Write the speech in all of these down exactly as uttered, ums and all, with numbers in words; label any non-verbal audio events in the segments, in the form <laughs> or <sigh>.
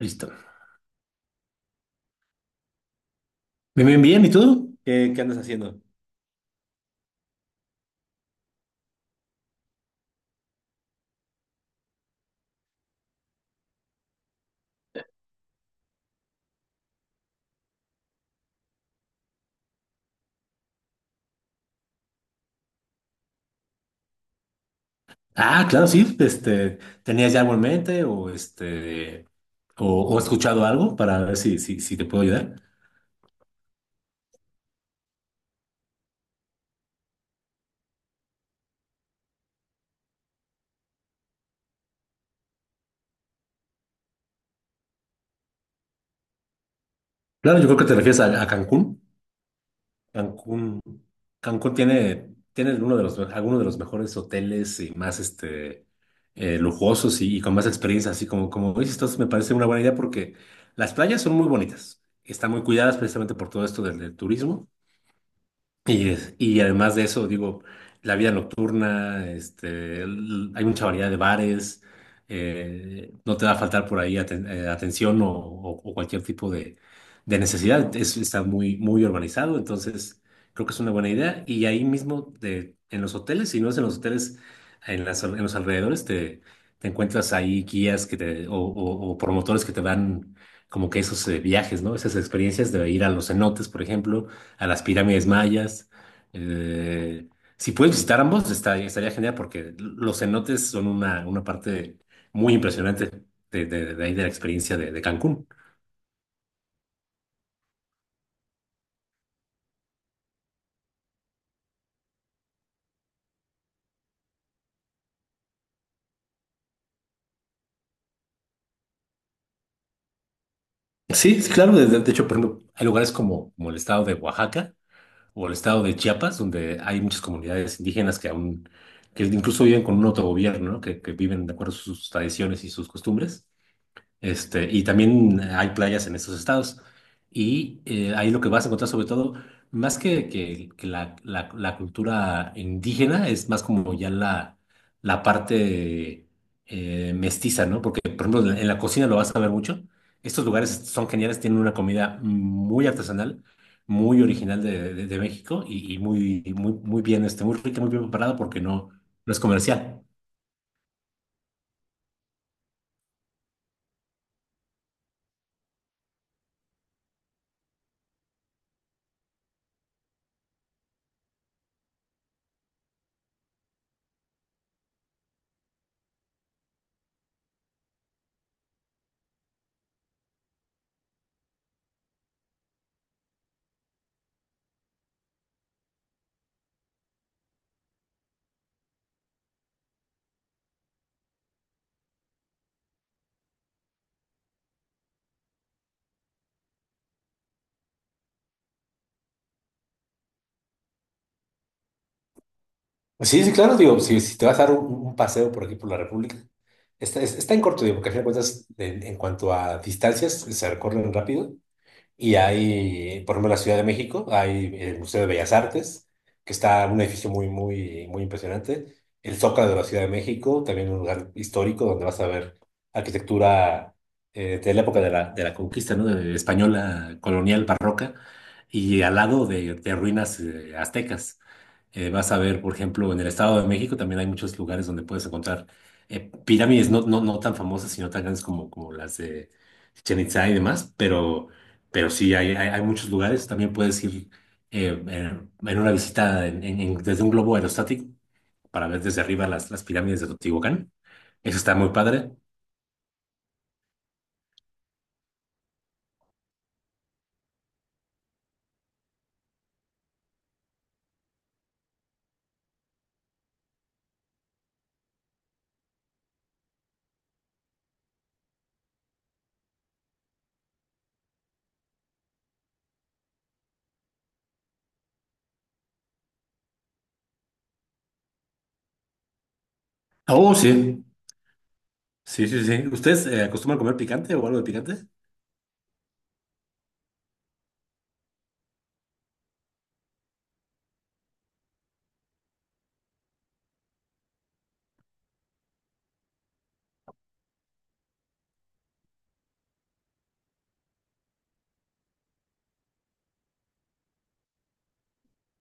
Listo. Bien, bien, bien. ¿Y tú? ¿Qué, qué andas haciendo? Ah, claro, sí. Este, ¿tenías ya algo en mente o este o, o escuchado algo para ver si, si, si te puedo ayudar? Claro, yo creo que te refieres a, a Cancún. Cancún, Cancún tiene, tiene uno de los, me- de los mejores hoteles y más este, eh, lujosos y, y con más experiencia, así como, como dices. Entonces me parece una buena idea porque las playas son muy bonitas, están muy cuidadas precisamente por todo esto del, del turismo y, es- y además de eso, digo, la vida nocturna, este, el- hay mucha variedad de bares, eh, no te va a faltar por ahí aten- eh, atención o, o- o- cualquier tipo de, de necesidad. Es- está muy, muy urbanizado, entonces creo que es una buena idea. Y ahí mismo, de, en los hoteles, si no es en los hoteles, en las, al- en los alrededores, te, te encuentras ahí guías que te, o, o- o promotores que te dan como que esos eh, viajes, ¿no? Esas experiencias de ir a los cenotes, por ejemplo a las pirámides mayas. Eh, si puedes visitar ambos, está- estaría genial porque los cenotes son una, una parte muy impresionante de, de- de ahí de la experiencia de, de Cancún. Sí, sí, claro. De, de- de hecho, por ejemplo, hay lugares como, como el estado de Oaxaca o el estado de Chiapas, donde hay muchas comunidades indígenas que aún, que incluso viven con un autogobierno, ¿no? Que, que viven de acuerdo a sus tradiciones y sus costumbres. Este, y también hay playas en estos estados. Y eh, ahí lo que vas a encontrar sobre todo, más que, que- que la, la- la cultura indígena, es más como ya la, la parte eh, mestiza, ¿no? Porque, por ejemplo, en la en la cocina lo vas a ver mucho. Estos lugares son geniales, tienen una comida muy artesanal, muy original de, de- de México y, y muy, muy, muy bien, este, muy rica, muy bien preparada porque no, no es comercial. Pues sí, sí, claro, digo, si, si te vas a dar un, un paseo por aquí por la República, está, es- está en corto, digo, porque a fin de cuentas, en, en cuanto a distancias, se recorren rápido, y hay, por ejemplo, en la Ciudad de México, hay el Museo de Bellas Artes, que está un edificio muy, muy, muy impresionante. El Zócalo de la Ciudad de México, también un lugar histórico donde vas a ver arquitectura eh, de la época de la, de la conquista, ¿no? De española, colonial, barroca, y al lado de, de ruinas eh, aztecas. Eh, vas a ver, por ejemplo, en el Estado de México también hay muchos lugares donde puedes encontrar eh, pirámides no, no, no tan famosas, sino tan grandes como, como las de Chichén Itzá y demás, pero pero sí, hay, hay, hay muchos lugares. También puedes ir eh, en, en una visita en- en- en- desde un globo aerostático para ver desde arriba las, las pirámides de Teotihuacán. Eso está muy padre. Oh, sí. Sí, sí, sí. ¿Ustedes eh, acostumbran comer picante o algo de picante?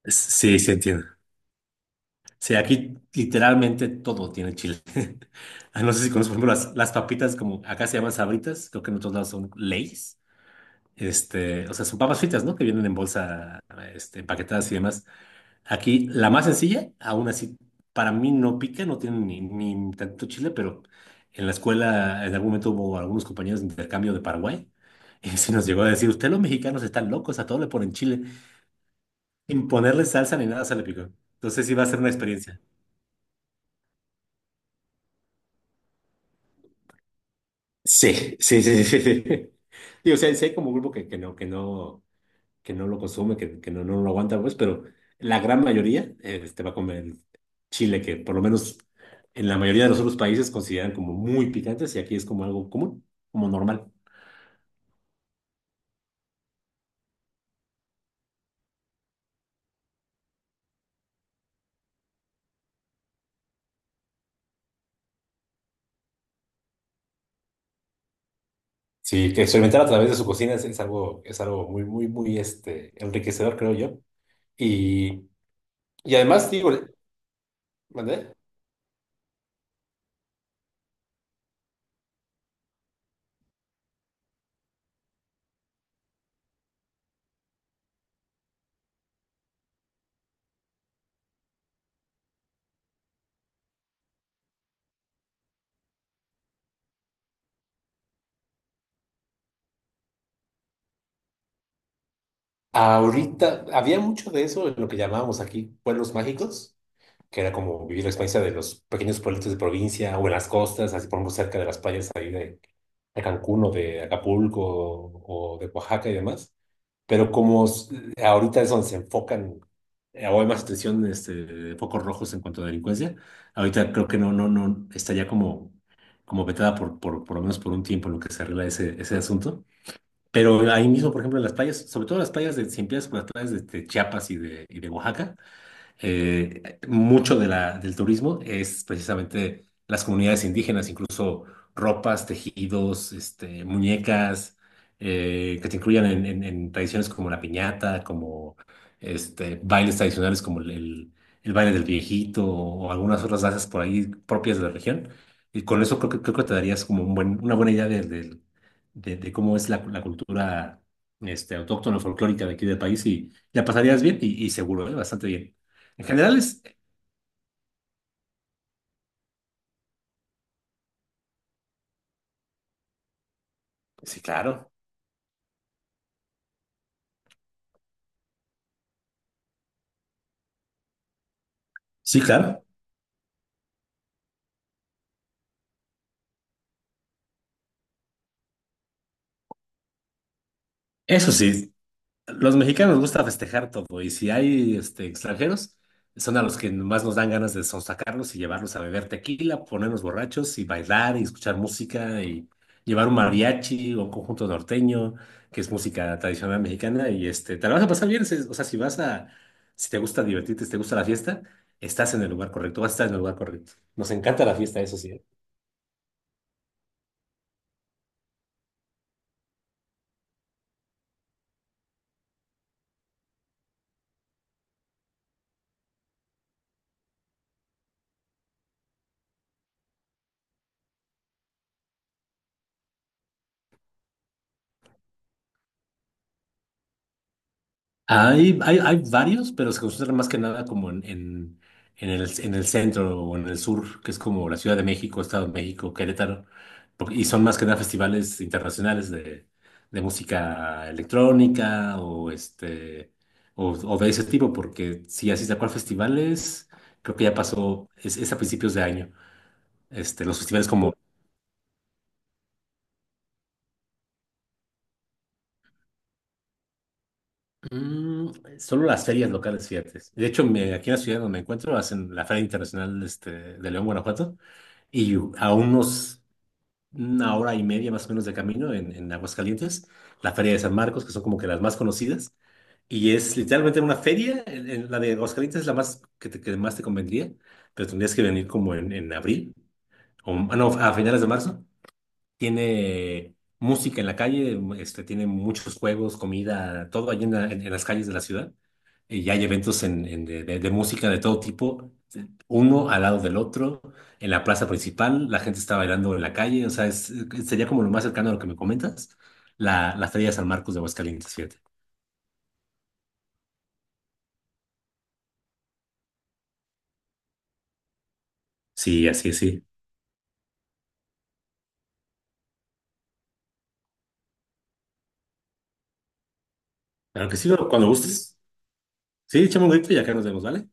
Sí, sí, entiendo. Sí, aquí literalmente todo tiene chile. <laughs> Ah, no sé si conoces, por ejemplo, las, las papitas, como acá se llaman Sabritas, creo que en otros lados son Lay's. Este, o sea, son papas fritas, ¿no? Que vienen en bolsa, este, empaquetadas y demás. Aquí la más sencilla, aún así, para mí no pica, no tiene ni, ni tanto chile, pero en la escuela en algún momento hubo algunos compañeros de intercambio de Paraguay <laughs> y se nos llegó a decir, usted los mexicanos están locos, a todos le ponen chile, sin ponerle salsa ni nada se le picó. Entonces sí va a ser una experiencia. Sí, sí, sí, sí, sí. <laughs> sí. Y, o sea, sí hay como grupo que, que no, que no, que no lo consume, que, que no, no lo aguanta, pues, pero la gran mayoría este va a comer chile, que por lo menos en la mayoría de los otros países consideran como muy picantes y aquí es como algo común, como normal. Sí, que experimentar a través de su cocina es, es algo, es algo muy, muy, muy este, enriquecedor, creo yo. Y, y además, digo, ¿mandé? Ahorita había mucho de eso en lo que llamábamos aquí pueblos mágicos, que era como vivir la experiencia de los pequeños pueblitos de provincia o en las costas, así por ejemplo cerca de las playas ahí de, de Cancún o de Acapulco o, o de Oaxaca y demás. Pero como s- ahorita es donde se enfocan, eh, o hay más atención este, de focos rojos en cuanto a delincuencia, ahorita creo que no, no, no, está ya como, como vetada por, por, por lo menos por un tiempo en lo que se arregla ese, ese asunto. Pero ahí mismo, por ejemplo, en las playas, sobre todo las playas de, si empiezas por las playas de, de Chiapas y de, y de Oaxaca, eh, mucho de la, del turismo es precisamente las comunidades indígenas, incluso ropas, tejidos, este, muñecas, eh, que te incluyan en, en- en tradiciones como la piñata, como este, bailes tradicionales como el, el- el baile del viejito o, algunas otras danzas por ahí propias de la región. Y con eso creo que, creo que te darías como un buen- una buena idea del- del- de, de cómo es la, la cultura este, autóctona folclórica de aquí del país y la pasarías bien y, y seguro, ¿eh? Bastante bien. En general es, sí, claro. Sí, claro. Eso sí, los mexicanos nos gusta festejar todo y si hay este, extranjeros, son a los que más nos dan ganas de sonsacarlos y llevarlos a beber tequila, ponernos borrachos y bailar y escuchar música y llevar un mariachi o un conjunto norteño, que es música tradicional mexicana y este, te la vas a pasar bien, se- o sea, si vas a, si te gusta divertirte, si te gusta la fiesta, estás en el lugar correcto, vas a estar en el lugar correcto. Nos encanta la fiesta, eso sí. ¿Eh? Hay, hay, hay varios, pero se concentran más que nada como en, en, en el, en el centro o en el sur, que es como la Ciudad de México, Estado de México, Querétaro, porque- y son más que nada festivales internacionales de, de música electrónica o, este, o, o de ese tipo, porque si así tal cual festivales, creo que ya pasó, es, es a principios de año, este, los festivales como, mm, solo las ferias locales, fíjate. De hecho, me- aquí en la ciudad donde me encuentro hacen la Feria Internacional este, de León, Guanajuato. Y a unos, una hora y media más o menos de camino en, en Aguascalientes, la Feria de San Marcos, que son como que las más conocidas. Y es literalmente una feria, en- en la de Aguascalientes es la más que, te- que más te convendría, pero tendrías que venir como en, en abril, o ah, no, a finales de marzo, tiene música en la calle, mm, este, tiene muchos juegos, comida, todo allí en, la- en- en las calles de la ciudad. Y hay eventos en- en de, de- de música de todo tipo, eh, uno al lado del otro, en la plaza principal, la gente está bailando en la calle, o sea, es- eh, sería como lo más cercano a lo que me comentas, la, la Feria de San Marcos de Aguascalientes, fíjate. Sí, así es, sí. Claro que sí, bueno, cuando gustes. Sí, echamos un grito y acá nos vemos, ¿vale?